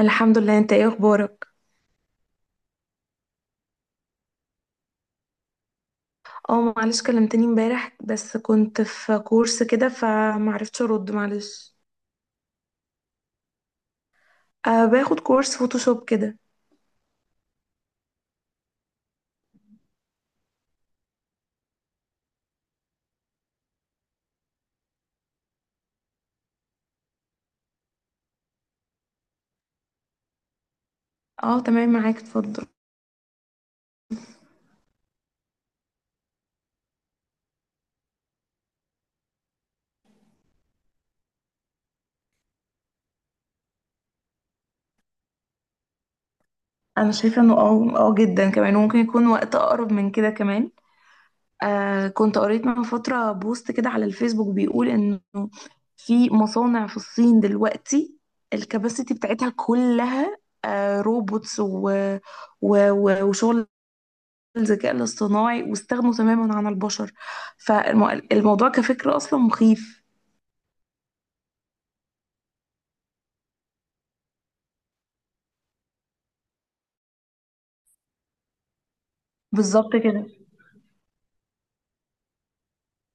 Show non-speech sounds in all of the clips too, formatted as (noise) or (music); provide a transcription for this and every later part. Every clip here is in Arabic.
الحمد لله، انت ايه اخبارك؟ اه معلش، كلمتني امبارح بس كنت في كورس كده فمعرفتش ارد، معلش. أه باخد كورس فوتوشوب كده. اه تمام، معاك، اتفضل. انا شايفه انه اه جدا كمان، وممكن يكون وقت اقرب من كده كمان. أه كنت قريت من فتره بوست كده على الفيسبوك بيقول انه في مصانع في الصين دلوقتي الكباسيتي بتاعتها كلها أه روبوتس وشغل الذكاء الاصطناعي، واستغنوا تماما عن البشر. فالموضوع كفكرة أصلا مخيف. بالظبط كده.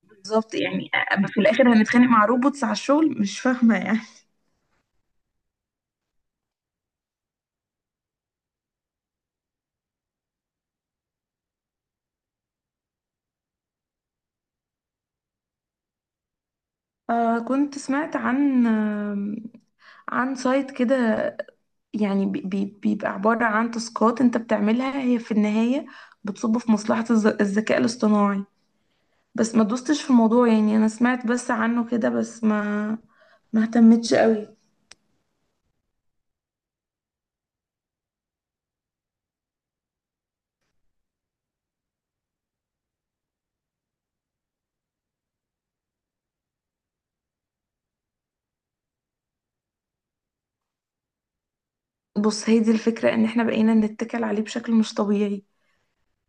بالظبط، يعني أما في الآخر هنتخانق مع روبوتس على الشغل، مش فاهمة يعني. آه كنت سمعت عن عن سايت كده، يعني بيبقى عبارة عن تاسكات انت بتعملها هي في النهاية بتصب في مصلحة الذكاء الاصطناعي، بس ما دوستش في الموضوع، يعني أنا سمعت بس عنه كده، بس ما اهتمتش قوي. بص، هي دي الفكرة، ان احنا بقينا نتكل عليه بشكل مش طبيعي.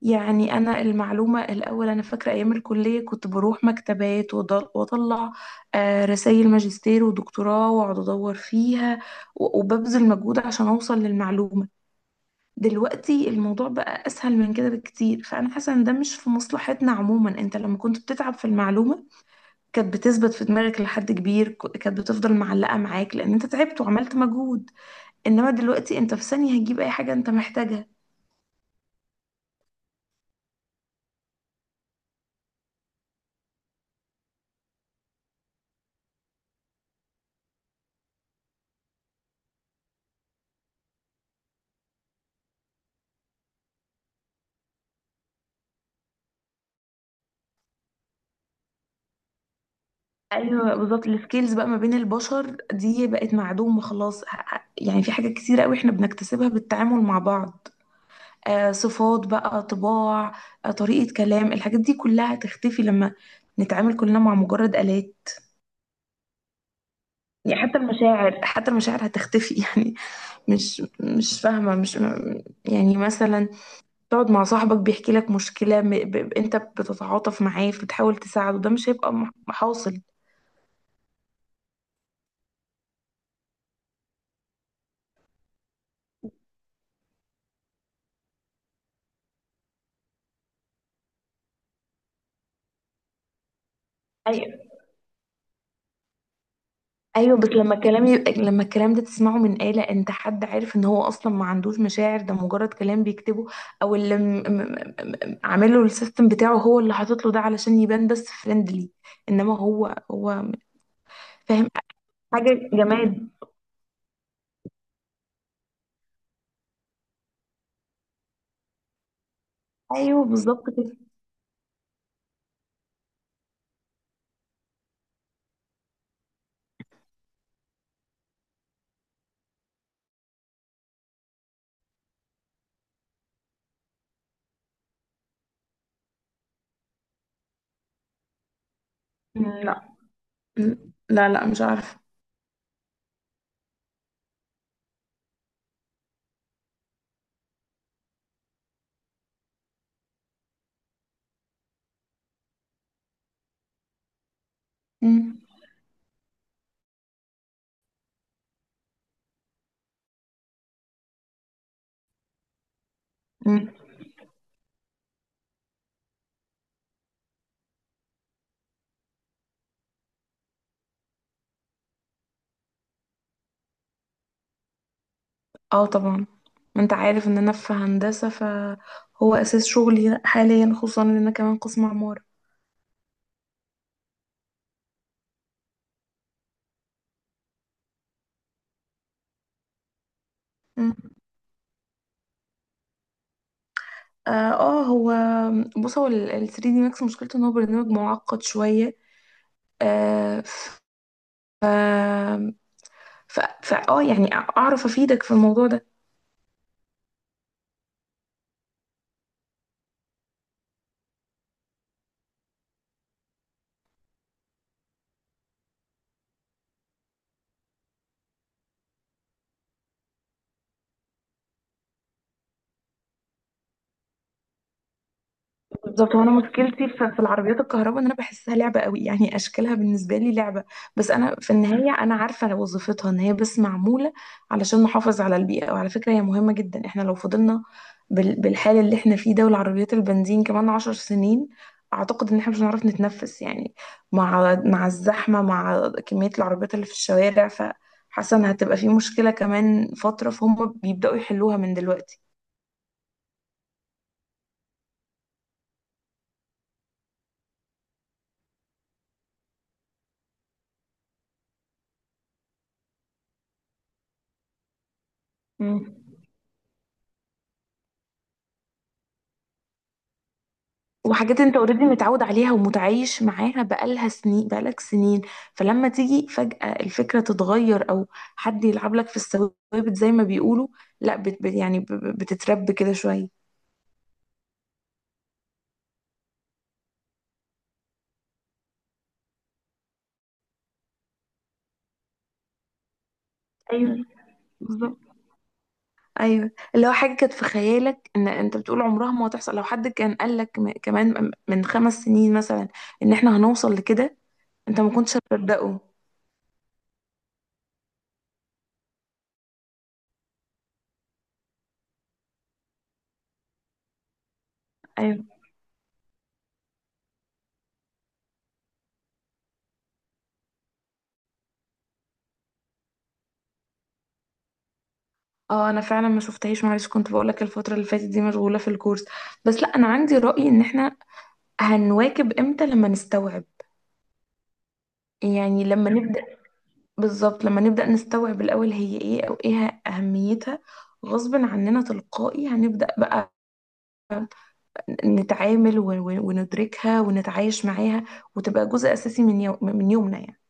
يعني انا المعلومة الاول، انا فاكرة ايام الكلية كنت بروح مكتبات واطلع رسائل ماجستير ودكتوراه، واقعد ادور فيها، وببذل مجهود عشان اوصل للمعلومة. دلوقتي الموضوع بقى اسهل من كده بكتير، فانا حاسة ان ده مش في مصلحتنا عموما. انت لما كنت بتتعب في المعلومة كانت بتثبت في دماغك لحد كبير، كانت بتفضل معلقة معاك لان انت تعبت وعملت مجهود. انما دلوقتي انت في ثانية هتجيب اي حاجة انت محتاجها. ايوه بالظبط، السكيلز بقى ما بين البشر دي بقت معدومة خلاص. يعني في حاجات كتيرة قوي احنا بنكتسبها بالتعامل مع بعض. آه صفات بقى، طباع، آه طريقة كلام، الحاجات دي كلها هتختفي لما نتعامل كلنا مع مجرد آلات. يعني حتى المشاعر، حتى المشاعر هتختفي (laughs) يعني مش فاهمة. مش يعني مثلا تقعد مع صاحبك بيحكي لك مشكلة، انت بتتعاطف معاه، بتحاول تساعده، ده مش هيبقى حاصل. ايوه، بس لما الكلام يبقى، لما الكلام ده تسمعه من آلة، انت حد عارف ان هو اصلا ما عندوش مشاعر، ده مجرد كلام بيكتبه او اللي م... م... عامله السيستم بتاعه هو اللي حاطط له ده علشان يبان بس فريندلي، انما هو فاهم، حاجة جماد. ايوه بالظبط كده. لا. لا مش عارفة. مم. مم. اه طبعا، ما انت عارف ان انا في هندسة، فهو اساس شغلي حاليا، خصوصا ان انا كمان قسم عمارة. اه آه، هو بص، هو ال 3 دي ماكس مشكلته ان هو برنامج معقد شوية. آه ف اه يعني اعرف افيدك في الموضوع ده. بالظبط. وانا مشكلتي في العربيات الكهرباء ان انا بحسها لعبه قوي، يعني اشكالها بالنسبه لي لعبه. بس انا في النهايه انا عارفه وظيفتها، ان هي بس معموله علشان نحافظ على البيئه، وعلى فكره هي مهمه جدا. احنا لو فضلنا بالحال اللي احنا فيه ده والعربيات البنزين، كمان عشر سنين اعتقد ان احنا مش هنعرف نتنفس يعني. مع الزحمه، مع كميه العربيات اللي في الشوارع، فحاسه ان هتبقى في مشكله كمان فتره، فهم بيبداوا يحلوها من دلوقتي. مم. وحاجات انت اوريدي متعود عليها ومتعايش معاها بقالها سنين، بقالك سنين، فلما تيجي فجأة الفكرة تتغير، او حد يلعب لك في الثوابت زي ما بيقولوا، لا يعني بتترب كده شوية. ايوه بالظبط. ايوه، اللي هو حاجة كانت في خيالك ان انت بتقول عمرها ما هتحصل، لو حد كان قال لك كمان من خمس سنين مثلا ان احنا هنوصل لكده، انت ما كنتش هتصدقه. ايوه. اه انا فعلا ما شفتهاش، معلش كنت بقول لك الفتره اللي فاتت دي مشغوله في الكورس. بس لا، انا عندي راي، ان احنا هنواكب امتى؟ لما نستوعب، يعني لما نبدأ. بالظبط، لما نبدأ نستوعب الأول هي ايه أو ايه أهميتها، غصب عننا تلقائي هنبدأ بقى نتعامل، وندركها، ونتعايش معاها، وتبقى جزء أساسي من من يومنا يعني.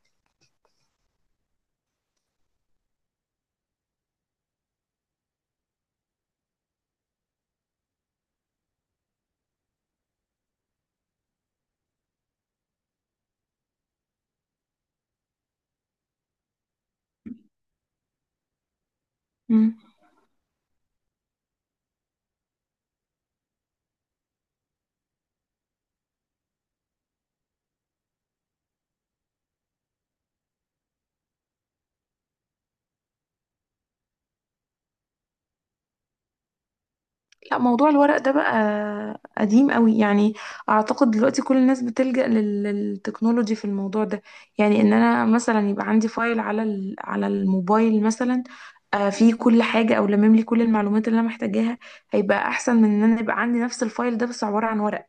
لا موضوع الورق ده بقى قديم قوي يعني. اعتقد دلوقتي كل الناس بتلجأ للتكنولوجي في الموضوع ده. يعني ان انا مثلا يبقى عندي فايل على على الموبايل مثلا، آه، فيه كل حاجة او لمم لي كل المعلومات اللي انا محتاجاها، هيبقى احسن من ان انا يبقى عندي نفس الفايل ده بس عبارة عن ورق.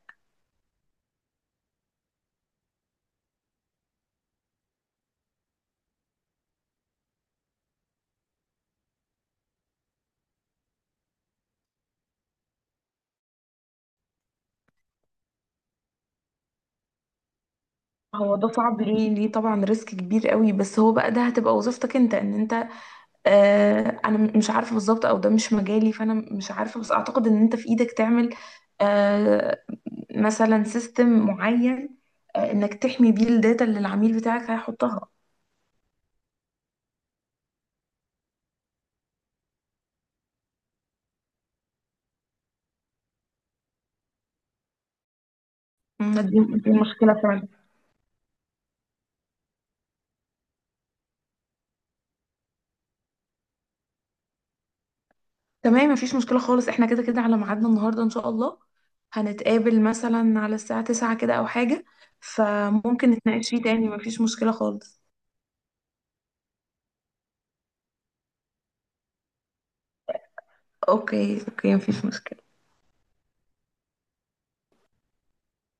هو ده صعب، ليه طبعا، ريسك كبير قوي، بس هو بقى ده هتبقى وظيفتك انت، ان انت آه، انا مش عارفه بالظبط، او ده مش مجالي، فانا مش عارفه، بس اعتقد ان انت في ايدك تعمل آه، مثلا سيستم معين، آه، انك تحمي بيه الداتا اللي العميل بتاعك هيحطها. دي دي مشكله فعلا. تمام، مفيش مشكله خالص، احنا كده كده على ميعادنا النهارده ان شاء الله، هنتقابل مثلا على الساعه 9 كده او حاجه، فممكن نتناقش فيه تاني، مفيش مشكله خالص. اوكي اوكي، مفيش مشكله.